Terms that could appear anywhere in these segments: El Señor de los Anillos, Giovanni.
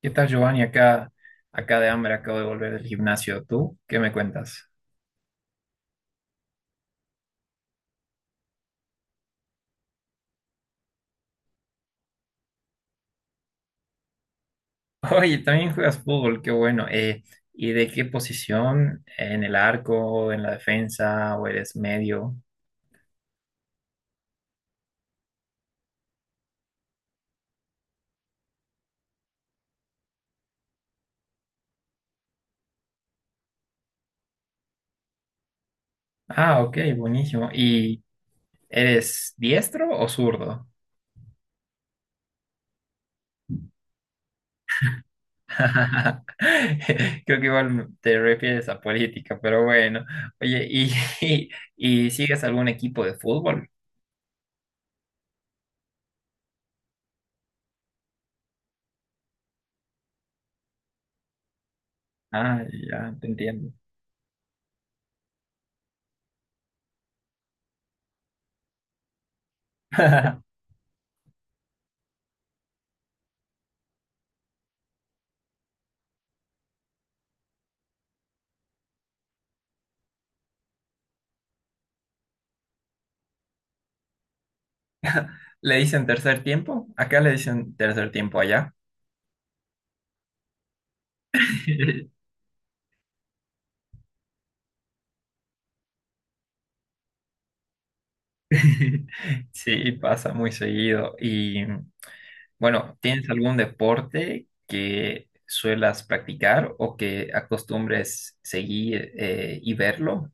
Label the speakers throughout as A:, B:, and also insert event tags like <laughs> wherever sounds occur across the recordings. A: ¿Qué tal, Giovanni? Acá de hambre, acabo de volver del gimnasio. ¿Tú qué me cuentas? <laughs> Oye, también juegas fútbol, qué bueno. ¿Y de qué posición? ¿En el arco, en la defensa o eres medio? Ah, ok, buenísimo. ¿Y eres diestro o zurdo? <laughs> Creo que igual te refieres a política, pero bueno. Oye, ¿y, <laughs> y sigues algún equipo de fútbol? Ah, ya, te entiendo. <laughs> ¿Le dicen tercer tiempo? Acá le dicen tercer tiempo allá. <laughs> Sí, pasa muy seguido. Y bueno, ¿tienes algún deporte que suelas practicar o que acostumbres seguir y verlo?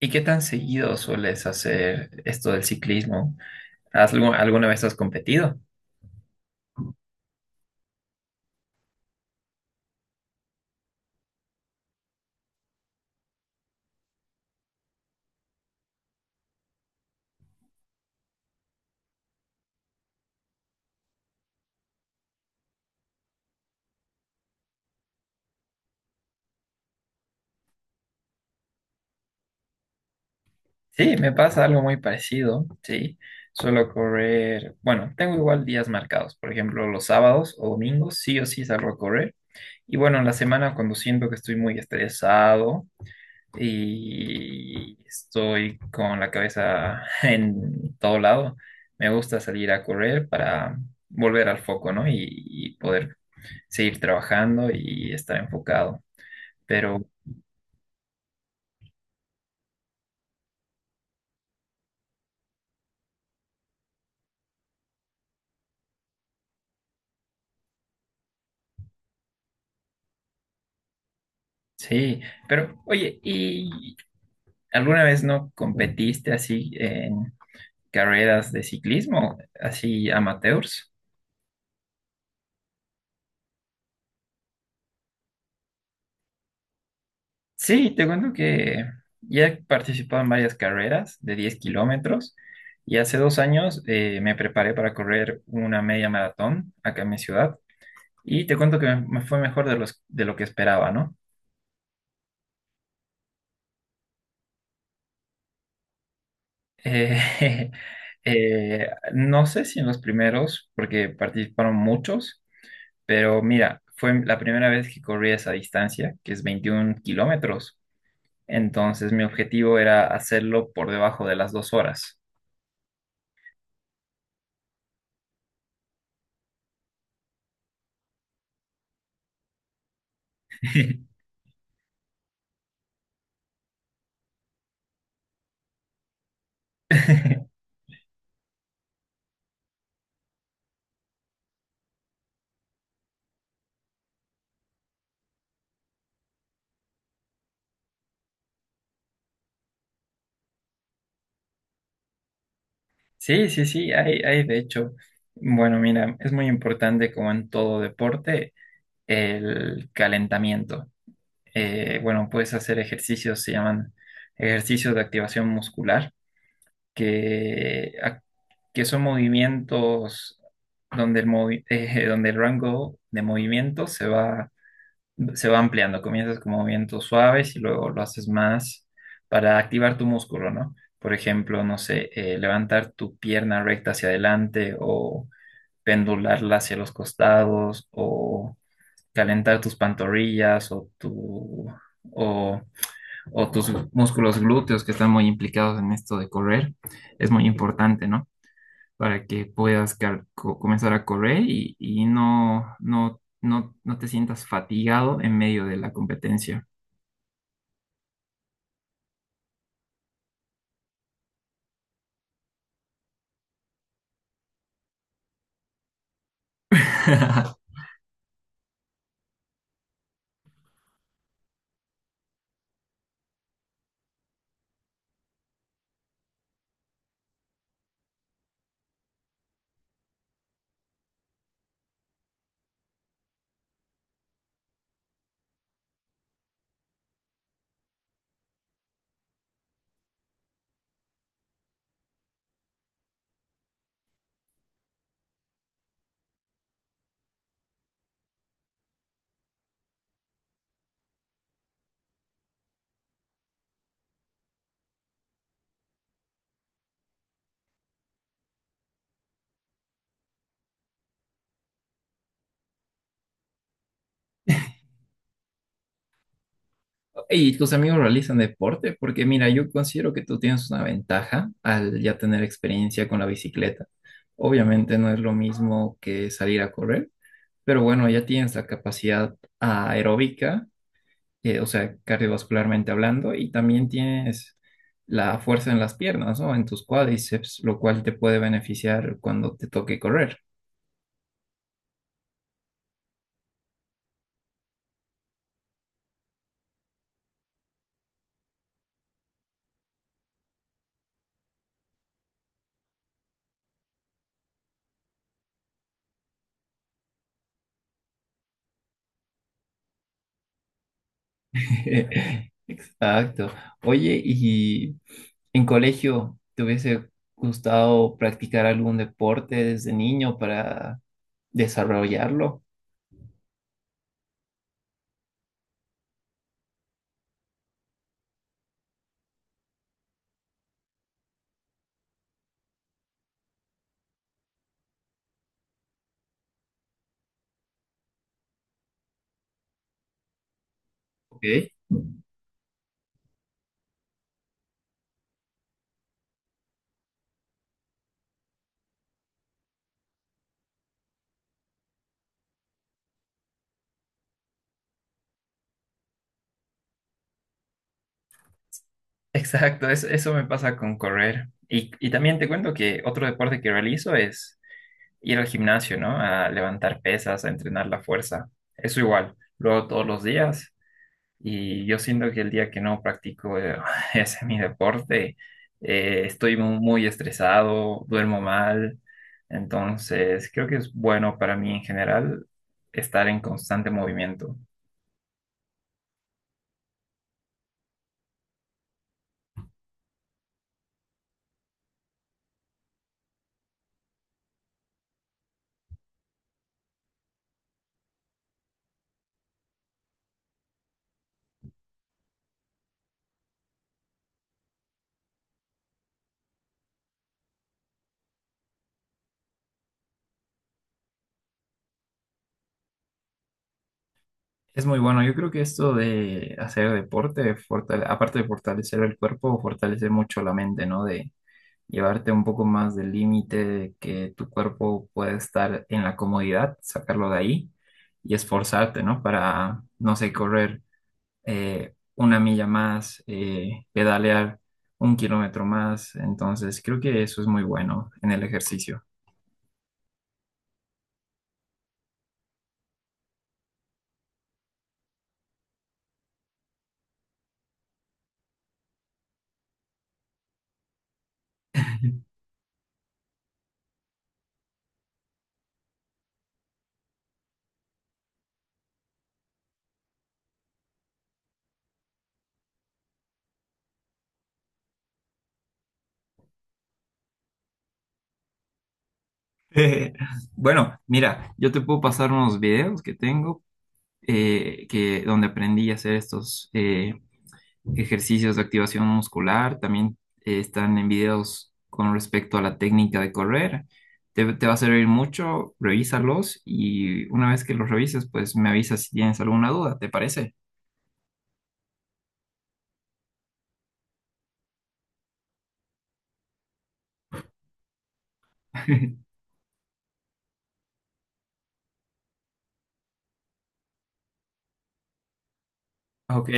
A: ¿Y qué tan seguido sueles hacer esto del ciclismo? ¿Has alguna vez has competido? Sí, me pasa algo muy parecido, sí. Suelo correr, bueno, tengo igual días marcados, por ejemplo, los sábados o domingos, sí o sí salgo a correr. Y bueno, en la semana cuando siento que estoy muy estresado y estoy con la cabeza <laughs> en todo lado, me gusta salir a correr para volver al foco, ¿no? Y poder seguir trabajando y estar enfocado. Pero sí, pero oye, ¿alguna vez no competiste así en carreras de ciclismo, así amateurs? Sí, te cuento que ya he participado en varias carreras de 10 kilómetros y hace 2 años me preparé para correr una media maratón acá en mi ciudad y te cuento que me fue mejor de lo que esperaba, ¿no? Eh, <laughs> no sé si en los primeros, porque participaron muchos. Pero mira, fue la primera vez que corrí esa distancia, que es 21 kilómetros. Entonces mi objetivo era hacerlo por debajo de las 2 horas. <laughs> Sí, hay de hecho. Bueno, mira, es muy importante como en todo deporte el calentamiento. Bueno, puedes hacer ejercicios, se llaman ejercicios de activación muscular, que, ac- que son movimientos donde el, movi- <laughs> donde el rango de movimiento se va ampliando. Comienzas con movimientos suaves y luego lo haces más para activar tu músculo, ¿no? Por ejemplo, no sé, levantar tu pierna recta hacia adelante o pendularla hacia los costados o calentar tus pantorrillas o o o tus músculos glúteos que están muy implicados en esto de correr, es muy importante, ¿no? Para que puedas comenzar a correr y, no te sientas fatigado en medio de la competencia. <laughs> ¿Y tus amigos realizan deporte? Porque mira, yo considero que tú tienes una ventaja al ya tener experiencia con la bicicleta. Obviamente no es lo mismo que salir a correr, pero bueno, ya tienes la capacidad aeróbica o sea, cardiovascularmente hablando, y también tienes la fuerza en las piernas, ¿no? En tus cuádriceps, lo cual te puede beneficiar cuando te toque correr. <laughs> Exacto. Oye, ¿y en colegio te hubiese gustado practicar algún deporte desde niño para desarrollarlo? Ok. Exacto, eso me pasa con correr. Y también te cuento que otro deporte que realizo es ir al gimnasio, ¿no? A levantar pesas, a entrenar la fuerza. Eso igual, lo hago todos los días y yo siento que el día que no practico <laughs> ese mi deporte, estoy muy estresado, duermo mal. Entonces, creo que es bueno para mí en general estar en constante movimiento. Es muy bueno. Yo creo que esto de hacer deporte, aparte de fortalecer el cuerpo, fortalece mucho la mente, ¿no? De llevarte un poco más del límite que tu cuerpo puede estar en la comodidad, sacarlo de ahí y esforzarte, ¿no? Para, no sé, correr 1 milla más, pedalear un kilómetro más. Entonces, creo que eso es muy bueno en el ejercicio. <laughs> Eh, bueno, mira, yo te puedo pasar unos videos que tengo que donde aprendí a hacer estos, ejercicios de activación muscular, también están en videos con respecto a la técnica de correr. Te va a servir mucho, revísalos y una vez que los revises, pues me avisas si tienes alguna duda, ¿te parece? <laughs> Ok,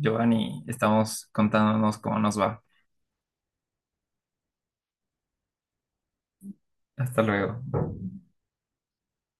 A: Giovanni, estamos contándonos cómo nos va. Hasta luego.